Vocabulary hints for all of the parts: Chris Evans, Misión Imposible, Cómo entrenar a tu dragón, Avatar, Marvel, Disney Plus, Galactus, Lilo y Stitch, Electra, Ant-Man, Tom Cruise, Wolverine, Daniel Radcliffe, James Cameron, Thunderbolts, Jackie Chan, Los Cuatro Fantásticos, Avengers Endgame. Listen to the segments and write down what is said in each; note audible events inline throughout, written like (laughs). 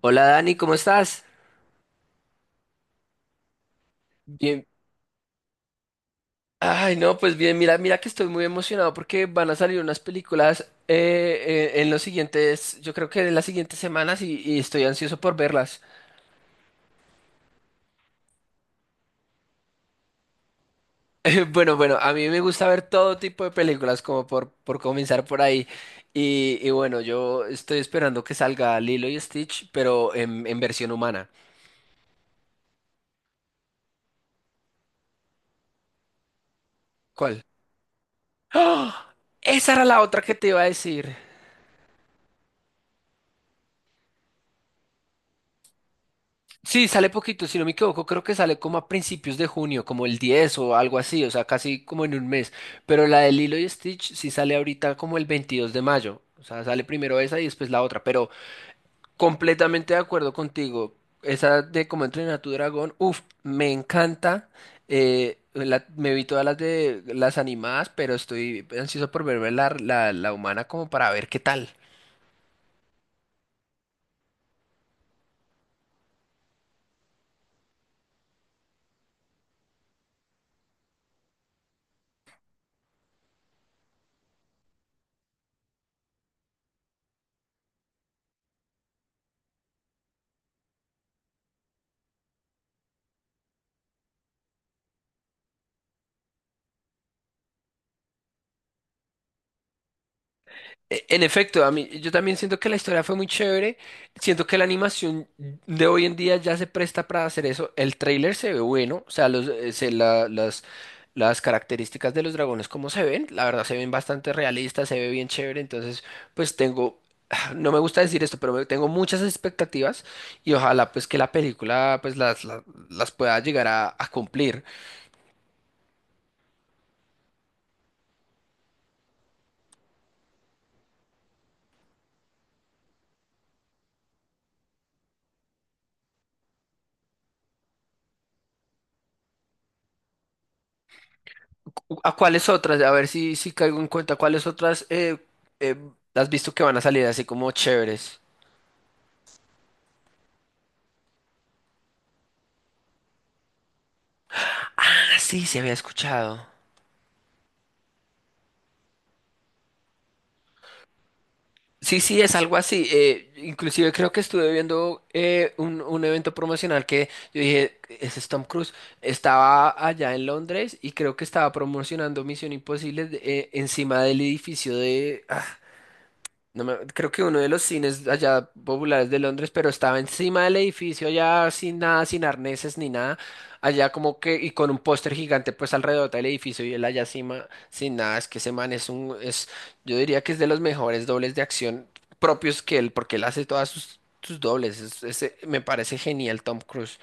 Hola Dani, ¿cómo estás? Bien. Ay, no, pues bien, mira, que estoy muy emocionado porque van a salir unas películas en los siguientes, yo creo que en las siguientes semanas y estoy ansioso por verlas. (laughs) Bueno, a mí me gusta ver todo tipo de películas, como por comenzar por ahí. Y bueno, yo estoy esperando que salga Lilo y Stitch, pero en versión humana. ¿Cuál? ¡Ah! Esa era la otra que te iba a decir. Sí, sale poquito, si no me equivoco, creo que sale como a principios de junio, como el 10 o algo así, o sea, casi como en un mes. Pero la de Lilo y Stitch sí sale ahorita como el 22 de mayo, o sea, sale primero esa y después la otra. Pero completamente de acuerdo contigo, esa de Cómo entrenar a tu dragón, uff, me encanta. Me vi todas las de las animadas, pero estoy ansioso por verme la humana como para ver qué tal. En efecto, a mí, yo también siento que la historia fue muy chévere. Siento que la animación de hoy en día ya se presta para hacer eso. El tráiler se ve bueno, o sea, los, se- la- las características de los dragones, como se ven, la verdad se ven bastante realistas, se ve bien chévere. Entonces, pues tengo, (sighs) no me gusta decir esto, pero tengo muchas expectativas y ojalá pues que la película pues las pueda llegar a cumplir. ¿A cuáles otras? A ver si caigo en cuenta. ¿Cuáles otras eh, has visto que van a salir así como chéveres? Ah, sí, se había escuchado. Sí, sí, es algo así. Inclusive creo que estuve viendo un evento promocional que yo dije, ese es Tom Cruise. Estaba allá en Londres y creo que estaba promocionando Misión Imposible encima del edificio de. No me- Creo que uno de los cines allá populares de Londres, pero estaba encima del edificio allá sin nada, sin arneses ni nada, allá como que y con un póster gigante pues alrededor del edificio y él allá encima sin nada, es que ese man es yo diría que es de los mejores dobles de acción propios que él porque él hace todas sus dobles, ese me parece genial Tom Cruise.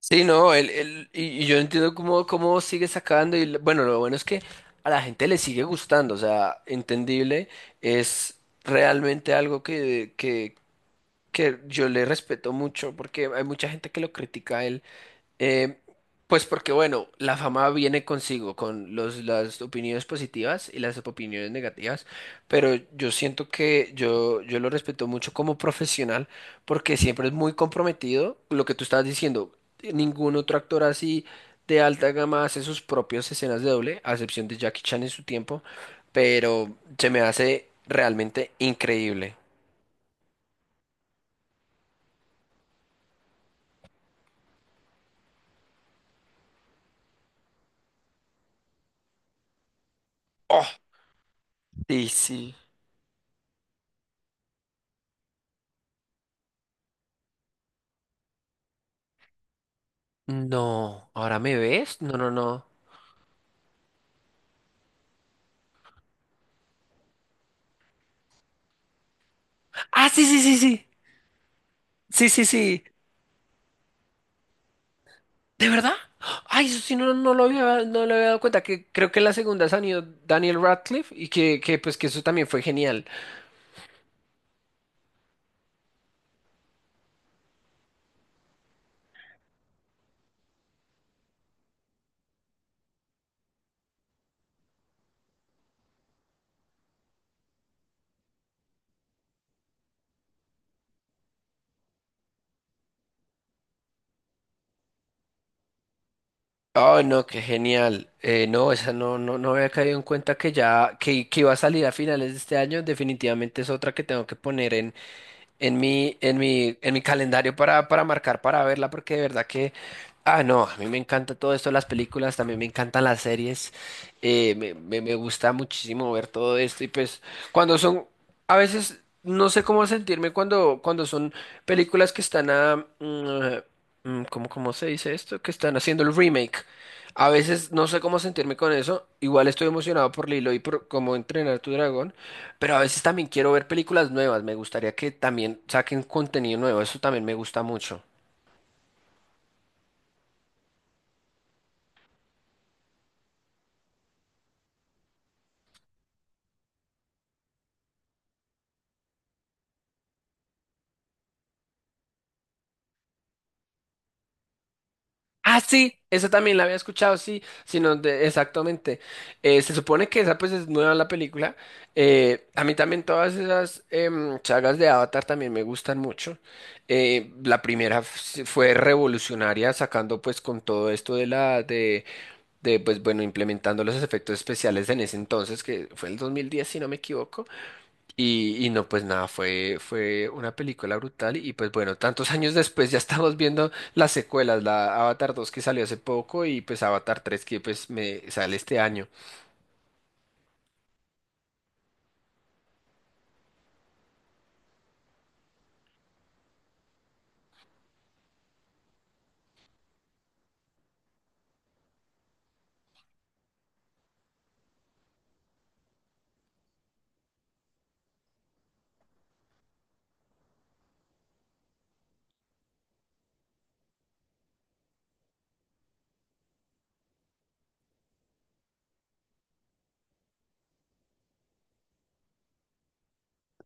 Sí, no, y yo entiendo cómo sigue sacando y bueno, lo bueno es que a la gente le sigue gustando, o sea, entendible, es realmente algo que yo le respeto mucho porque hay mucha gente que lo critica a él, eh, pues porque, bueno, la fama viene consigo con las opiniones positivas y las opiniones negativas, pero yo siento que yo lo respeto mucho como profesional porque siempre es muy comprometido lo que tú estabas diciendo. Ningún otro actor así de alta gama hace sus propias escenas de doble, a excepción de Jackie Chan en su tiempo, pero se me hace realmente increíble. Oh, sí, sí. No, ¿ahora me ves? No, no, no. Ah, sí, sí, sí, sí. Sí, sí, sí. ¿De verdad? Ay, eso sí, no lo había, no le había dado cuenta, que creo que en la segunda salió Daniel Radcliffe y que pues que eso también fue genial. Ay, no, qué genial. No, esa no, no, no había caído en cuenta que ya, que iba a salir a finales de este año. Definitivamente es otra que tengo que poner en mi calendario para marcar, para verla, porque de verdad que, ah, no, a mí me encanta todo esto, las películas, también me encantan las series, me gusta muchísimo ver todo esto y pues cuando son, a veces no sé cómo sentirme cuando son películas que están a, ¿cómo, cómo se dice esto? Que están haciendo el remake. A veces no sé cómo sentirme con eso. Igual estoy emocionado por Lilo y por cómo entrenar tu dragón. Pero a veces también quiero ver películas nuevas. Me gustaría que también saquen contenido nuevo. Eso también me gusta mucho. Ah, sí, esa también la había escuchado, sí, exactamente. Se supone que esa pues es nueva la película. A mí también todas esas sagas de Avatar también me gustan mucho. La primera fue revolucionaria sacando pues con todo esto de la de, pues bueno, implementando los efectos especiales en ese entonces, que fue el 2010, si no me equivoco, y no, pues nada, fue una película brutal, y pues bueno, tantos (laughs) años después ya estamos viendo las secuelas, la Avatar 2 que salió hace poco, y pues Avatar 3 que pues me sale este año.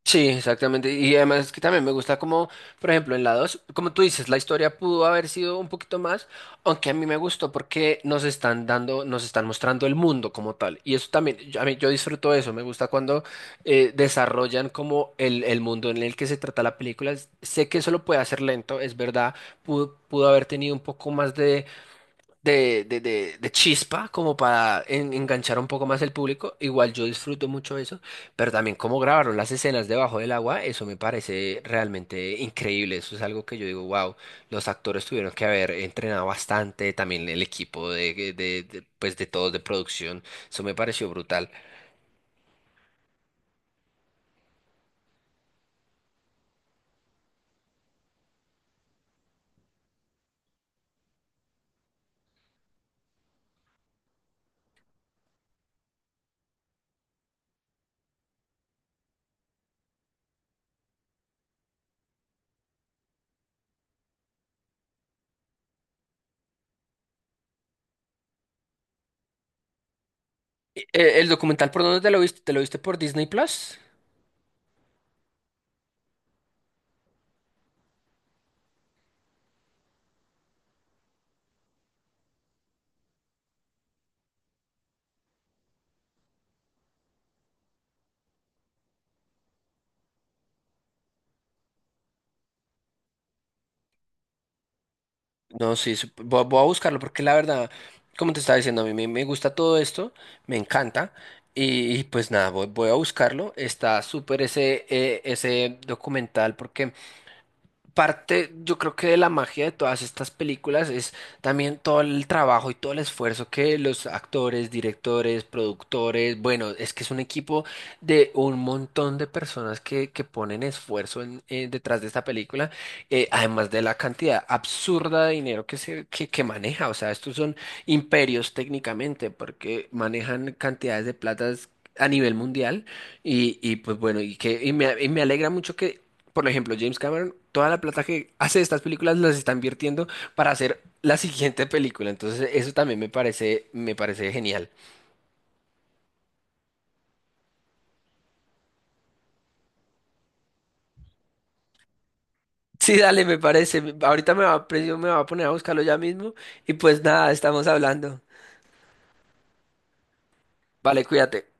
Sí, exactamente. Y además es que también me gusta como, por ejemplo, en la 2, como tú dices, la historia pudo haber sido un poquito más, aunque a mí me gustó porque nos están dando, nos están mostrando el mundo como tal. Y eso también, yo, a mí, yo disfruto eso, me gusta cuando desarrollan como el mundo en el que se trata la película. Sé que eso lo puede hacer lento, es verdad, pudo haber tenido un poco más de de chispa como para enganchar un poco más el público. Igual yo disfruto mucho eso, pero también cómo grabaron las escenas debajo del agua, eso me parece realmente increíble. Eso es algo que yo digo, wow, los actores tuvieron que haber entrenado bastante, también el equipo pues de todos de producción, eso me pareció brutal. E- ¿El documental por dónde te lo viste? ¿Te lo viste por Disney Plus? No, sí, voy a buscarlo porque la verdad, como te estaba diciendo, a mí me gusta todo esto, me encanta. Y pues nada, voy a buscarlo. Está súper ese, ese documental porque parte, yo creo que de la magia de todas estas películas es también todo el trabajo y todo el esfuerzo que los actores, directores, productores, bueno, es que es un equipo de un montón de personas que ponen esfuerzo detrás de esta película, además de la cantidad absurda de dinero que que maneja, o sea, estos son imperios técnicamente porque manejan cantidades de platas a nivel mundial. Pues bueno, y me alegra mucho que por ejemplo, James Cameron, toda la plata que hace de estas películas las está invirtiendo para hacer la siguiente película. Entonces, eso también me parece genial. Sí, dale, me parece. Ahorita me va, a- Me va a poner a buscarlo ya mismo. Y pues nada, estamos hablando. Vale, cuídate.